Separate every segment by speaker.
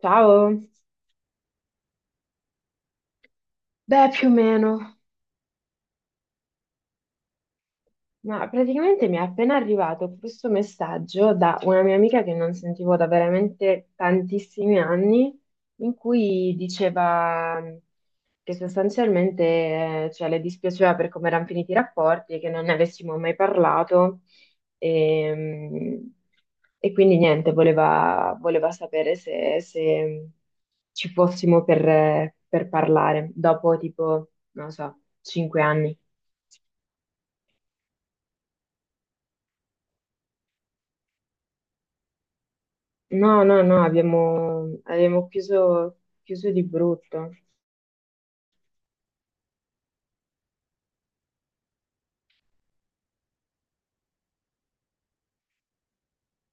Speaker 1: Ciao, beh, più o meno. Ma praticamente mi è appena arrivato questo messaggio da una mia amica che non sentivo da veramente tantissimi anni, in cui diceva che cioè, le dispiaceva per come erano finiti i rapporti, che non ne avessimo mai parlato e, mm, e quindi niente, voleva sapere se ci fossimo per parlare dopo tipo, non lo so, cinque anni. No, no, no, abbiamo chiuso, chiuso di brutto.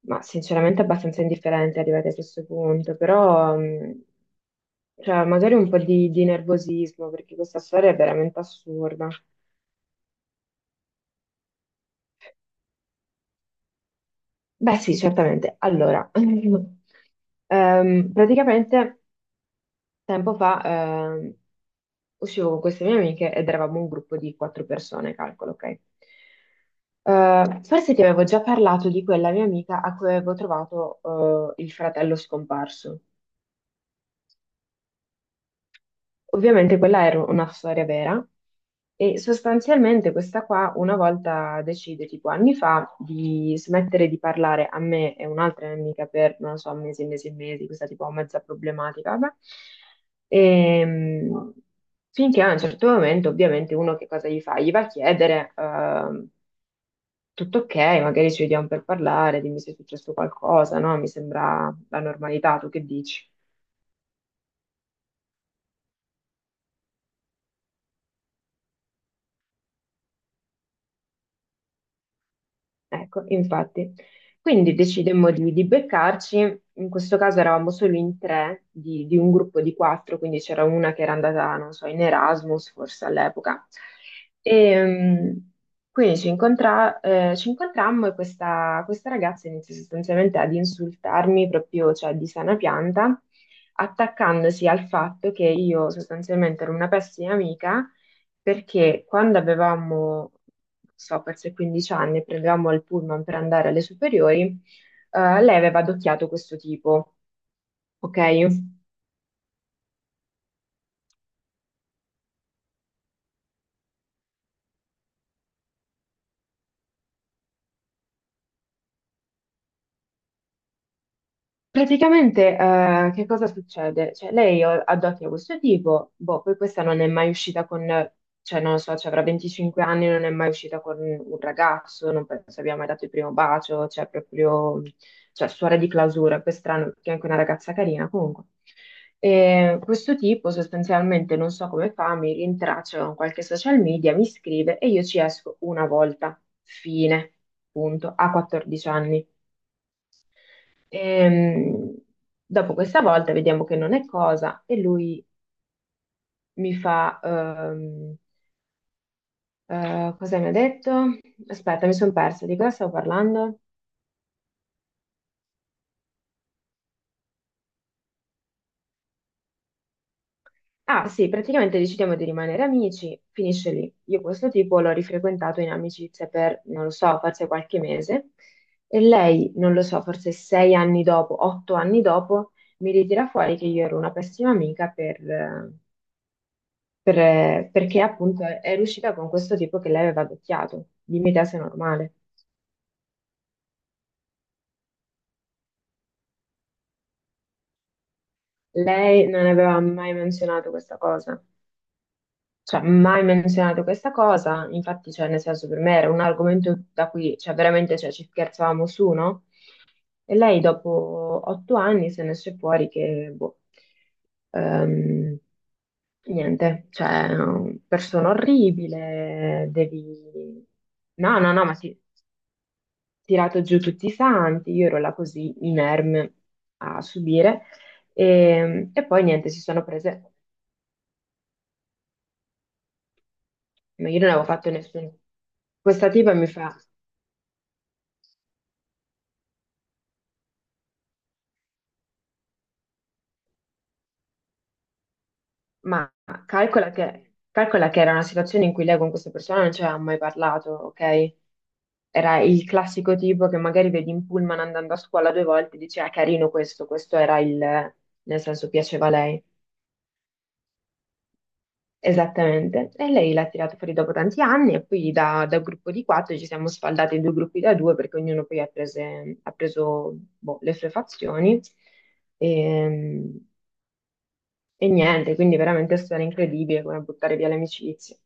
Speaker 1: Ma sinceramente abbastanza indifferente arrivati a questo punto, però cioè, magari un po' di nervosismo perché questa storia è veramente assurda. Beh, sì, certamente. Allora, praticamente tempo fa ehm, uscivo con queste mie amiche ed eravamo un gruppo di quattro persone, calcolo, ok? Forse ti avevo già parlato di quella mia amica a cui avevo trovato il fratello scomparso. Ovviamente quella era una storia vera e sostanzialmente questa qua una volta decide, tipo anni fa, di smettere di parlare a me e un'altra mia amica per, non lo so, mesi e mesi e mesi, questa tipo mezza problematica, vabbè. Ehm, Finché a un certo momento, ovviamente, uno che cosa gli fa? Gli va a chiedere, tutto ok, magari ci vediamo per parlare, dimmi se è successo qualcosa, no? Mi sembra la normalità, tu che dici? Ecco, infatti. Quindi decidemmo di beccarci, in questo caso eravamo solo in tre di un gruppo di quattro, quindi c'era una che era andata, non so, in Erasmus forse all'epoca. E, mh, quindi ci incontrammo e questa ragazza iniziò sostanzialmente ad insultarmi proprio, cioè di sana pianta, attaccandosi al fatto che io sostanzialmente ero una pessima amica perché quando avevamo so, forse 15 anni, prendevamo il pullman per andare alle superiori, lei aveva adocchiato questo tipo, ok? Praticamente, che cosa succede? Cioè, lei o- addotti a questo tipo, boh, poi questa non è mai uscita con, cioè, non lo so, cioè, avrà 25 anni, non è mai uscita con un ragazzo, non penso abbia mai dato il primo bacio, cioè, proprio, cioè, suora di clausura, poi è strano, perché è anche una ragazza carina, comunque. E questo tipo, sostanzialmente, non so come fa, mi rintraccia con qualche social media, mi scrive e io ci esco una volta, fine, punto, a 14 anni. Ehm, Dopo questa volta vediamo che non è cosa e lui mi fa, cosa mi ha detto? Aspetta, mi sono persa, di cosa stavo parlando? Ah sì, praticamente decidiamo di rimanere amici, finisce lì. Io questo tipo l'ho rifrequentato in amicizia per, non lo so, forse qualche mese e lei, non lo so, forse sei anni dopo, otto anni dopo, mi ritira fuori che io ero una pessima amica perché appunto è riuscita con questo tipo che lei aveva adocchiato. Dimmi te se è normale. Lei non aveva mai menzionato questa cosa, cioè mai menzionato questa cosa, infatti cioè, nel senso per me era un argomento da cui cioè, veramente cioè, ci scherzavamo su, no? E lei dopo otto anni se ne esce fuori che, boh, ehm, niente, cioè, persona orribile, devi... No, no, no, ma sì, tirato giù tutti i santi, io ero là così inerme a subire e poi niente, si sono prese, ma io non avevo fatto nessuno. Questa tipa mi fa, ma calcola che era una situazione in cui lei con questa persona non ci aveva mai parlato, ok? Era il classico tipo che magari vedi in pullman andando a scuola due volte e dice, ah, carino questo, questo era il, nel senso piaceva a lei. Esattamente, e lei l'ha tirato fuori dopo tanti anni e poi da gruppo di quattro ci siamo sfaldati in due gruppi da due perché ognuno poi ha, ha preso boh, le sue fazioni e, e niente, quindi veramente è stata incredibile come buttare via le amicizie.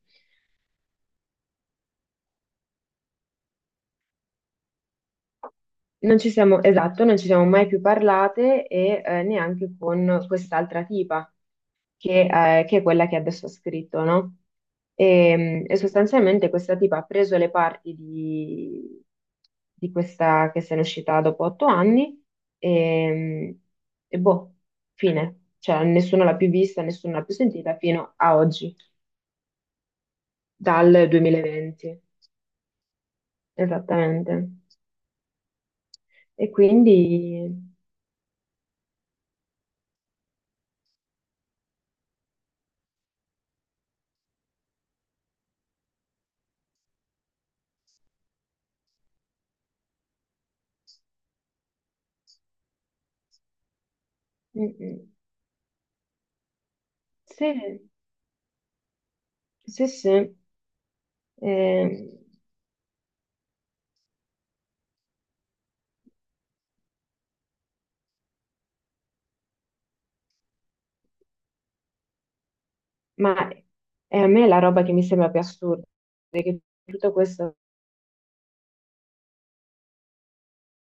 Speaker 1: Non ci siamo, esatto, non ci siamo mai più parlate e neanche con quest'altra tipa che, che è quella che adesso ha scritto, no? E sostanzialmente questa tipa ha preso le parti di questa che se n'è uscita dopo otto anni e, e boh, fine. Cioè, nessuno l'ha più vista, nessuno l'ha più sentita fino a oggi, dal 2020, esattamente. E quindi, mm, mm, sì, sì, sì. Eh, Ma è a me la roba che mi sembra più assurda, è che tutto questo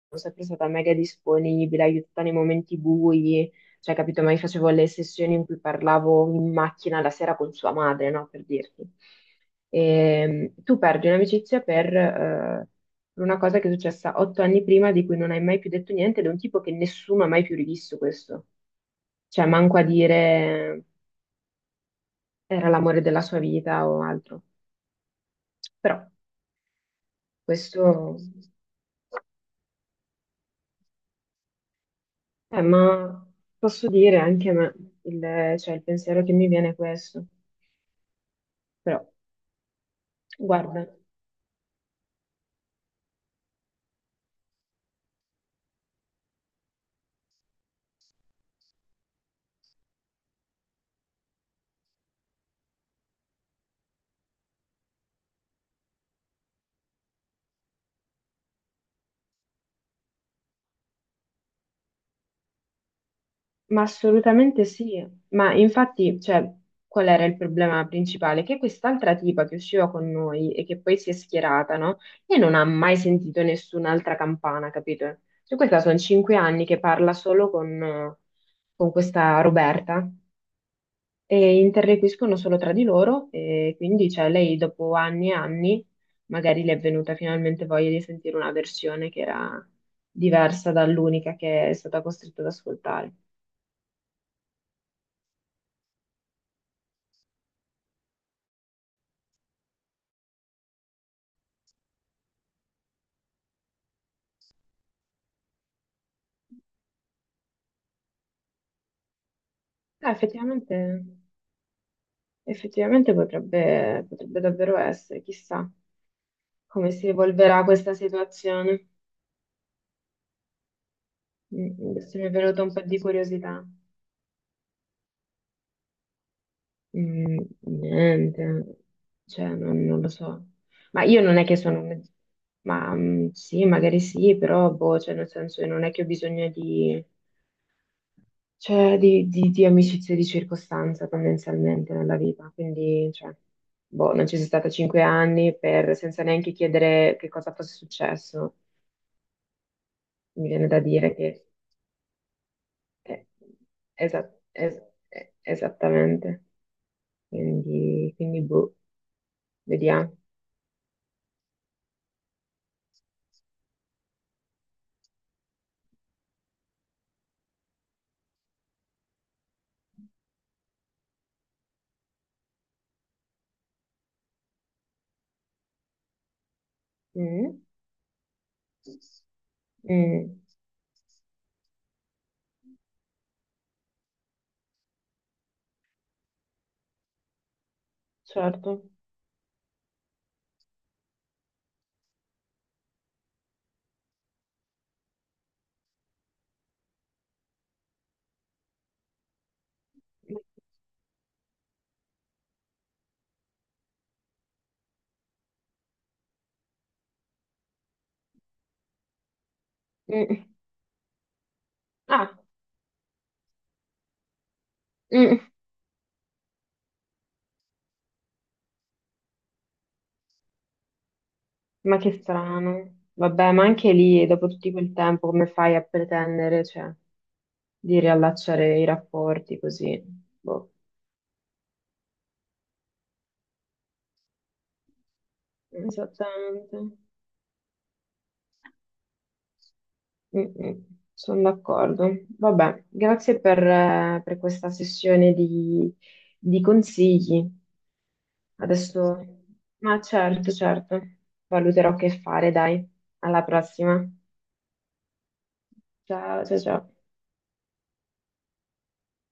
Speaker 1: sono sempre stata mega disponibile, aiutata nei momenti bui, cioè capito, ma io facevo le sessioni in cui parlavo in macchina la sera con sua madre, no? Per dirti. E, Tu perdi un'amicizia per una cosa che è successa otto anni prima, di cui non hai mai più detto niente, ed è un tipo che nessuno ha mai più rivisto questo. Cioè, manco a dire era l'amore della sua vita o altro. Però questo... ma posso dire anche a me, cioè, il pensiero che mi viene è questo. Però, guarda, ma assolutamente sì. Ma infatti, cioè, qual era il problema principale? Che quest'altra tipa che usciva con noi e che poi si è schierata, no? E non ha mai sentito nessun'altra campana, capito? Cioè, questa sono cinque anni che parla solo con questa Roberta. E interloquiscono solo tra di loro e quindi cioè, lei dopo anni e anni magari le è venuta finalmente voglia di sentire una versione che era diversa dall'unica che è stata costretta ad ascoltare. Ah, effettivamente, effettivamente potrebbe, potrebbe davvero essere, chissà come si evolverà questa situazione. Mm, adesso mi è venuta un po' di curiosità. Mm, niente, cioè non, non lo so. Ma io non è che sono... un- Ma mm, sì, magari sì, però boh, cioè nel senso non è che ho bisogno di, cioè, di amicizie di circostanza tendenzialmente nella vita, quindi cioè, boh, non ci sono stata cinque anni per, senza neanche chiedere che cosa fosse successo, mi viene da dire che... eh, esa- es- esattamente, quindi boh, vediamo. Mm, mm, certo. Mm. Ah, mm, ma che strano. Vabbè, ma anche lì, dopo tutto quel tempo, come fai a pretendere, cioè, di riallacciare i rapporti così? Boh, esattamente. Sono d'accordo. Vabbè, grazie per questa sessione di consigli. Adesso, ma certo, certo, valuterò che fare, dai. Alla prossima. Ciao, ciao, ciao.